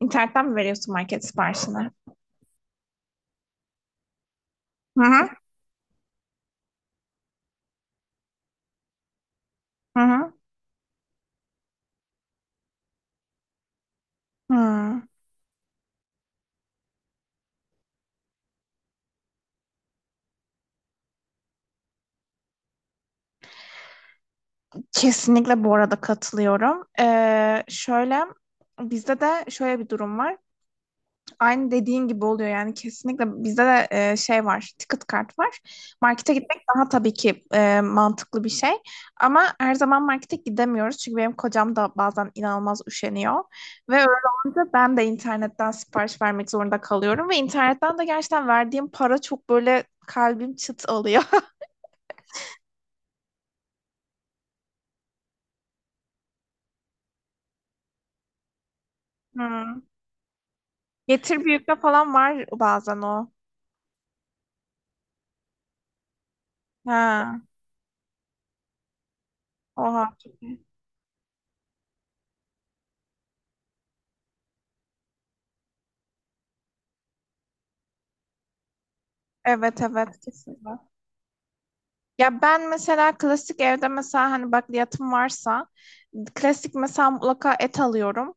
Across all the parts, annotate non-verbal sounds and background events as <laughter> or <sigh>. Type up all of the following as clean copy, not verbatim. İnternetten mi veriyorsun market siparişini? Hı hı. Hı hı. Hı. Kesinlikle bu arada katılıyorum. Şöyle bizde de şöyle bir durum var. Aynı dediğin gibi oluyor yani kesinlikle bizde de şey var, ticket kart var. Markete gitmek daha tabii ki mantıklı bir şey, ama her zaman markete gidemiyoruz çünkü benim kocam da bazen inanılmaz üşeniyor ve öyle olunca ben de internetten sipariş vermek zorunda kalıyorum, ve internetten de gerçekten verdiğim para çok, böyle kalbim çıt oluyor. <laughs> Hmm. Getir büyükte falan var bazen o. Ha, oha. Evet, evet, kesinlikle. Ya ben mesela klasik, evde mesela hani bakliyatım varsa, klasik mesela mutlaka et alıyorum.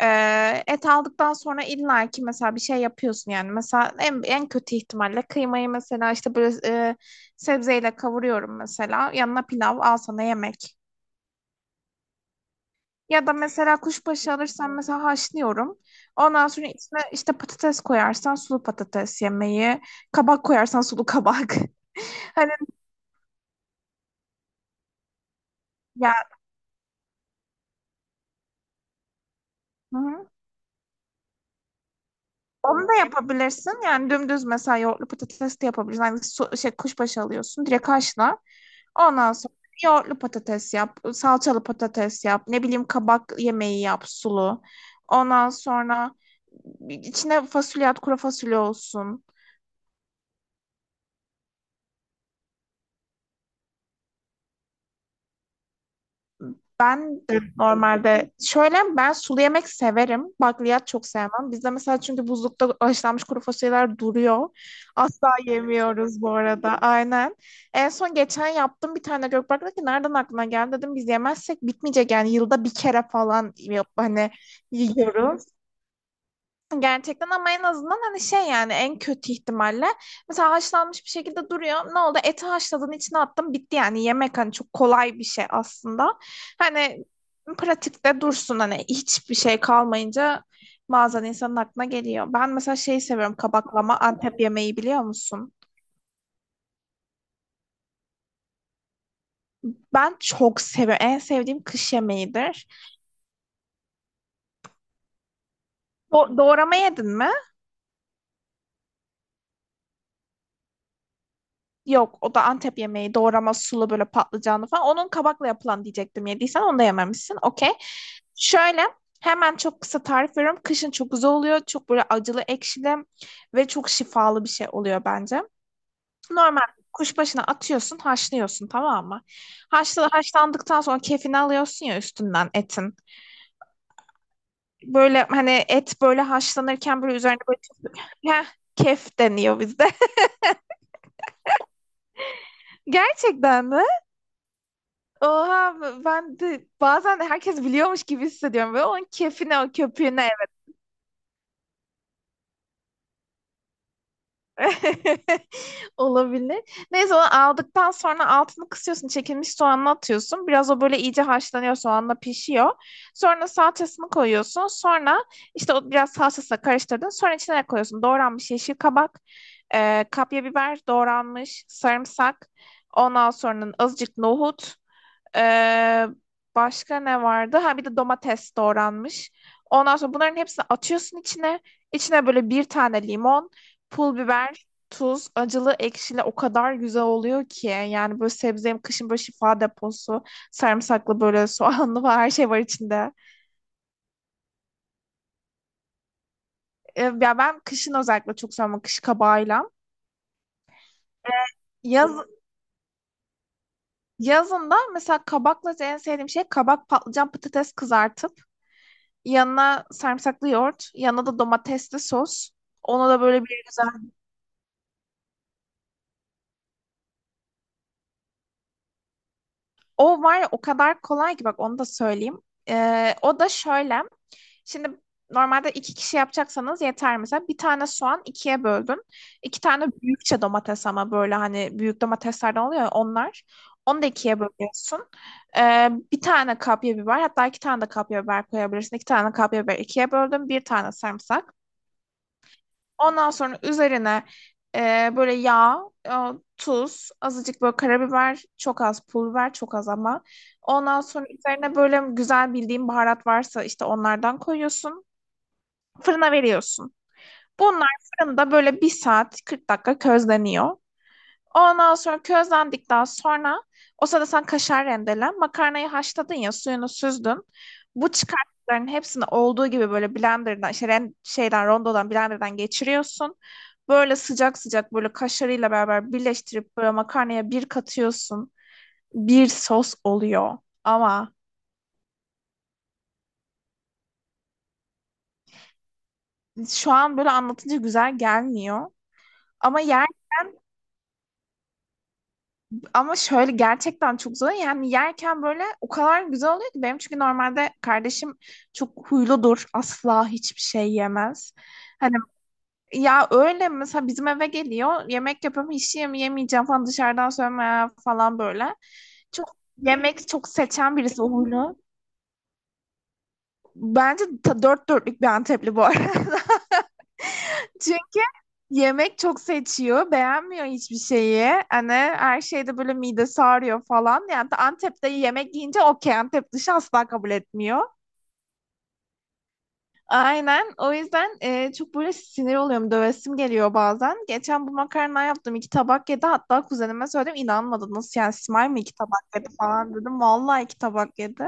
Et aldıktan sonra illa ki mesela bir şey yapıyorsun yani, mesela en kötü ihtimalle kıymayı mesela işte böyle sebzeyle kavuruyorum, mesela yanına pilav, al sana yemek. Ya da mesela kuşbaşı alırsan, mesela haşlıyorum. Ondan sonra içine işte patates koyarsan sulu patates yemeği, kabak koyarsan sulu kabak. <laughs> Hani, ya, hı hı. Onu da yapabilirsin. Yani dümdüz mesela yoğurtlu patates de yapabilirsin. Hani, şey, kuşbaşı alıyorsun. Direkt haşla. Ondan sonra yoğurtlu patates yap. Salçalı patates yap. Ne bileyim kabak yemeği yap, sulu. Ondan sonra içine fasulye at. Kuru fasulye olsun. Ben de normalde şöyle, ben sulu yemek severim. Bakliyat çok sevmem. Bizde mesela, çünkü buzlukta haşlanmış kuru fasulyeler duruyor. Asla yemiyoruz bu arada. Aynen. En son geçen yaptım, bir tane Gökberk dedi ki nereden aklına geldi, dedim biz yemezsek bitmeyecek yani, yılda bir kere falan yap, hani yiyoruz. Gerçekten, ama en azından hani, şey yani en kötü ihtimalle mesela haşlanmış bir şekilde duruyor. Ne oldu? Eti haşladın, içine attın, bitti, yani yemek hani çok kolay bir şey aslında. Hani, pratikte dursun, hani hiçbir şey kalmayınca bazen insanın aklına geliyor. Ben mesela şeyi seviyorum, kabaklama, Antep yemeği, biliyor musun? Ben çok seviyorum. En sevdiğim kış yemeğidir. Doğrama yedin mi? Yok, o da Antep yemeği, doğrama sulu böyle patlıcanlı falan. Onun kabakla yapılan diyecektim, yediysen onu da yememişsin. Okey. Şöyle, hemen çok kısa tarif veriyorum. Kışın çok güzel oluyor. Çok böyle acılı ekşili ve çok şifalı bir şey oluyor bence. Normal kuşbaşına atıyorsun, haşlıyorsun, tamam mı? Haşlandıktan sonra kefini alıyorsun ya, üstünden etin. Böyle hani et böyle haşlanırken böyle üzerine böyle, heh, kef deniyor bizde. <laughs> Gerçekten mi? Oha, ben de bazen herkes biliyormuş gibi hissediyorum. Böyle onun keyfine, o köpüğüne, <laughs> olabilir. Neyse, onu aldıktan sonra altını kısıyorsun. Çekilmiş soğanını atıyorsun. Biraz o böyle iyice haşlanıyor, soğanla pişiyor. Sonra salçasını koyuyorsun. Sonra işte o biraz salçasıyla karıştırdın. Sonra içine ne koyuyorsun? Doğranmış yeşil kabak, kapya biber doğranmış, sarımsak. Ondan sonra azıcık nohut. Ee, Başka ne vardı? Ha, bir de domates doğranmış. Ondan sonra bunların hepsini atıyorsun içine. İçine böyle bir tane limon, pul biber, tuz, acılı, ekşili, o kadar güzel oluyor ki. Yani böyle sebze, kışın böyle şifa deposu, sarımsaklı böyle <laughs> soğanlı falan, her şey var içinde. Ya ben kışın özellikle çok seviyorum, kış kabağıyla. Yaz, Yazında mesela kabakla en sevdiğim şey, kabak, patlıcan, patates kızartıp yanına sarımsaklı yoğurt, yanına da domatesli sos. Ona da böyle bir güzel. O var ya, o kadar kolay ki, bak onu da söyleyeyim. O da şöyle. Şimdi normalde iki kişi yapacaksanız yeter mesela. Bir tane soğan ikiye böldün. İki tane büyükçe domates, ama böyle hani büyük domateslerden oluyor ya onlar. Onu da ikiye bölüyorsun. Bir tane kapya biber, hatta iki tane de kapya biber koyabilirsin. İki tane kapya biber ikiye böldüm. Bir tane sarımsak. Ondan sonra üzerine böyle yağ, e, tuz, azıcık böyle karabiber, çok az pul biber, çok az ama. Ondan sonra üzerine böyle güzel bildiğin baharat varsa işte onlardan koyuyorsun. Fırına veriyorsun. Bunlar fırında böyle 1 saat 40 dakika közleniyor. Ondan sonra közlendikten sonra o sırada sen kaşar rendelen, makarnayı haşladın ya, suyunu süzdün. Bu çıkarttıkların hepsini olduğu gibi böyle blenderdan, işte şeyden, rondodan, blenderdan geçiriyorsun. Böyle sıcak sıcak böyle kaşarıyla beraber birleştirip böyle makarnaya bir katıyorsun. Bir sos oluyor. Ama şu an böyle anlatınca güzel gelmiyor. Ama yer Ama şöyle, gerçekten çok zor. Yani yerken böyle o kadar güzel oluyor ki, benim çünkü normalde kardeşim çok huyludur. Asla hiçbir şey yemez. Hani ya, öyle mesela bizim eve geliyor, yemek yapıyorum, hiç yemeyeceğim falan, dışarıdan söyleme ya falan böyle. Çok yemek, çok seçen birisi o, huylu. Bence dört dörtlük bir Antepli bu arada. <laughs> Çünkü yemek çok seçiyor, beğenmiyor hiçbir şeyi. Hani her şeyde böyle midesi ağrıyor falan. Yani Antep'te yemek yiyince okey, Antep dışı asla kabul etmiyor. Aynen. O yüzden çok böyle sinir oluyorum. Dövesim geliyor bazen. Geçen bu makarna yaptım, iki tabak yedi. Hatta kuzenime söyledim, inanmadı. Nasıl yani Simay mı iki tabak yedi falan, dedim. Vallahi iki tabak yedi.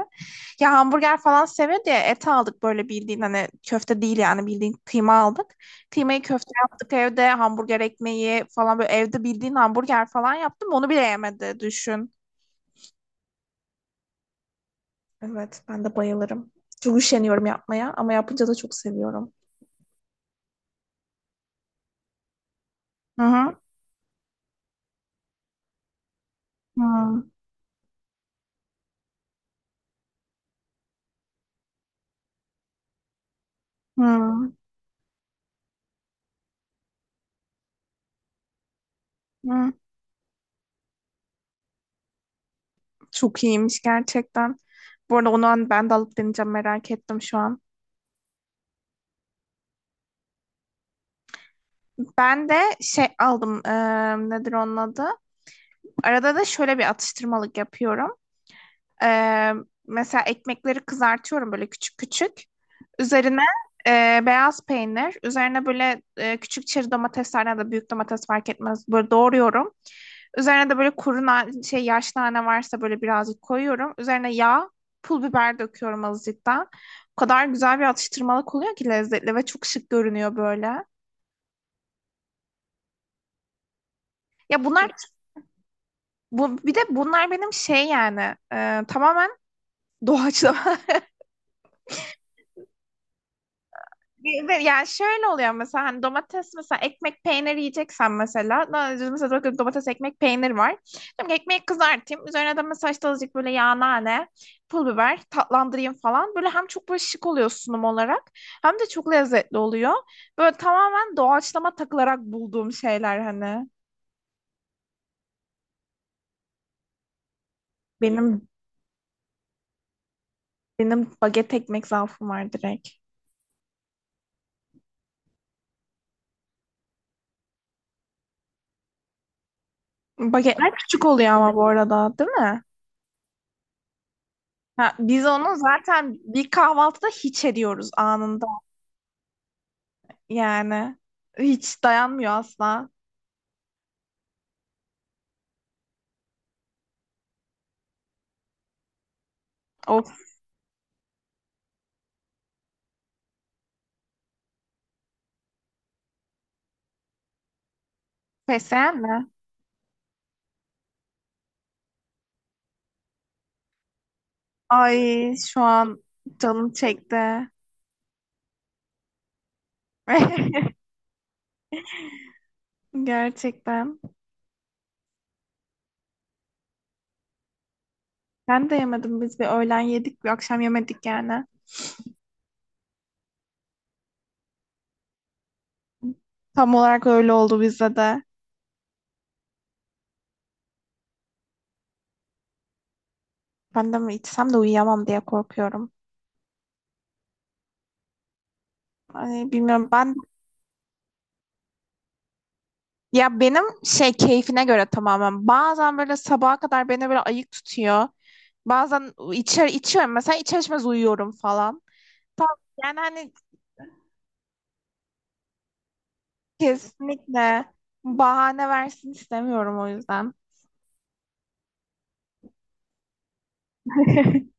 Ya hamburger falan seviyor diye et aldık, böyle bildiğin hani köfte değil yani, bildiğin kıyma aldık. Kıymayı köfte yaptık evde. Hamburger ekmeği falan, böyle evde bildiğin hamburger falan yaptım. Onu bile yemedi, düşün. Evet, ben de bayılırım. Çok üşeniyorum yapmaya ama yapınca da çok seviyorum. Hı hı. Hı. Hmm, hmm. Çok iyiymiş gerçekten. Bu arada onu ben de alıp deneyeceğim, merak ettim şu an. Ben de şey aldım, nedir onun adı? Arada da şöyle bir atıştırmalık yapıyorum. Eee, Mesela ekmekleri kızartıyorum böyle küçük küçük. Üzerine beyaz peynir, üzerine böyle küçük çeri domatesler ya da büyük domates, fark etmez. Böyle doğruyorum. Üzerine de böyle kuru na- şey yaş nane varsa böyle birazcık koyuyorum. Üzerine yağ, pul biber döküyorum azıcıktan. O kadar güzel bir atıştırmalık oluyor ki, lezzetli ve çok şık görünüyor böyle. Ya bunlar, bu bir de bunlar benim şey yani, tamamen doğaçlama. Ve yani şöyle oluyor, mesela hani domates mesela ekmek peynir yiyeceksen mesela, mesela bakıyorum, domates, ekmek, peynir var. Diyorum ki ekmeği kızartayım. Üzerine de mesela işte azıcık böyle yağ, nane, pul biber, tatlandırayım falan. Böyle hem çok böyle şık oluyor sunum olarak, hem de çok lezzetli oluyor. Böyle tamamen doğaçlama takılarak bulduğum şeyler hani. Benim benim baget ekmek zaafım var direkt. Bagetler küçük oluyor ama bu arada, değil mi? Ha, biz onu zaten bir kahvaltıda hiç ediyoruz anında. Yani hiç dayanmıyor asla. Of, fesleğen mi? Ay, şu an canım çekti. <laughs> Gerçekten. Ben de yemedim. Biz bir öğlen yedik, bir akşam yemedik yani. Tam olarak öyle oldu bizde de. Ben de mi içsem de uyuyamam diye korkuyorum. Ay, bilmiyorum, ben ya, benim şey, keyfine göre tamamen. Bazen böyle sabaha kadar beni böyle ayık tutuyor. Bazen içer içiyorum mesela, içer içmez uyuyorum falan. Tam- yani hani, kesinlikle. Bahane versin istemiyorum o yüzden. <laughs>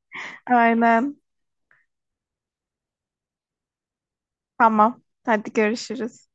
Aynen. Tamam. Hadi görüşürüz.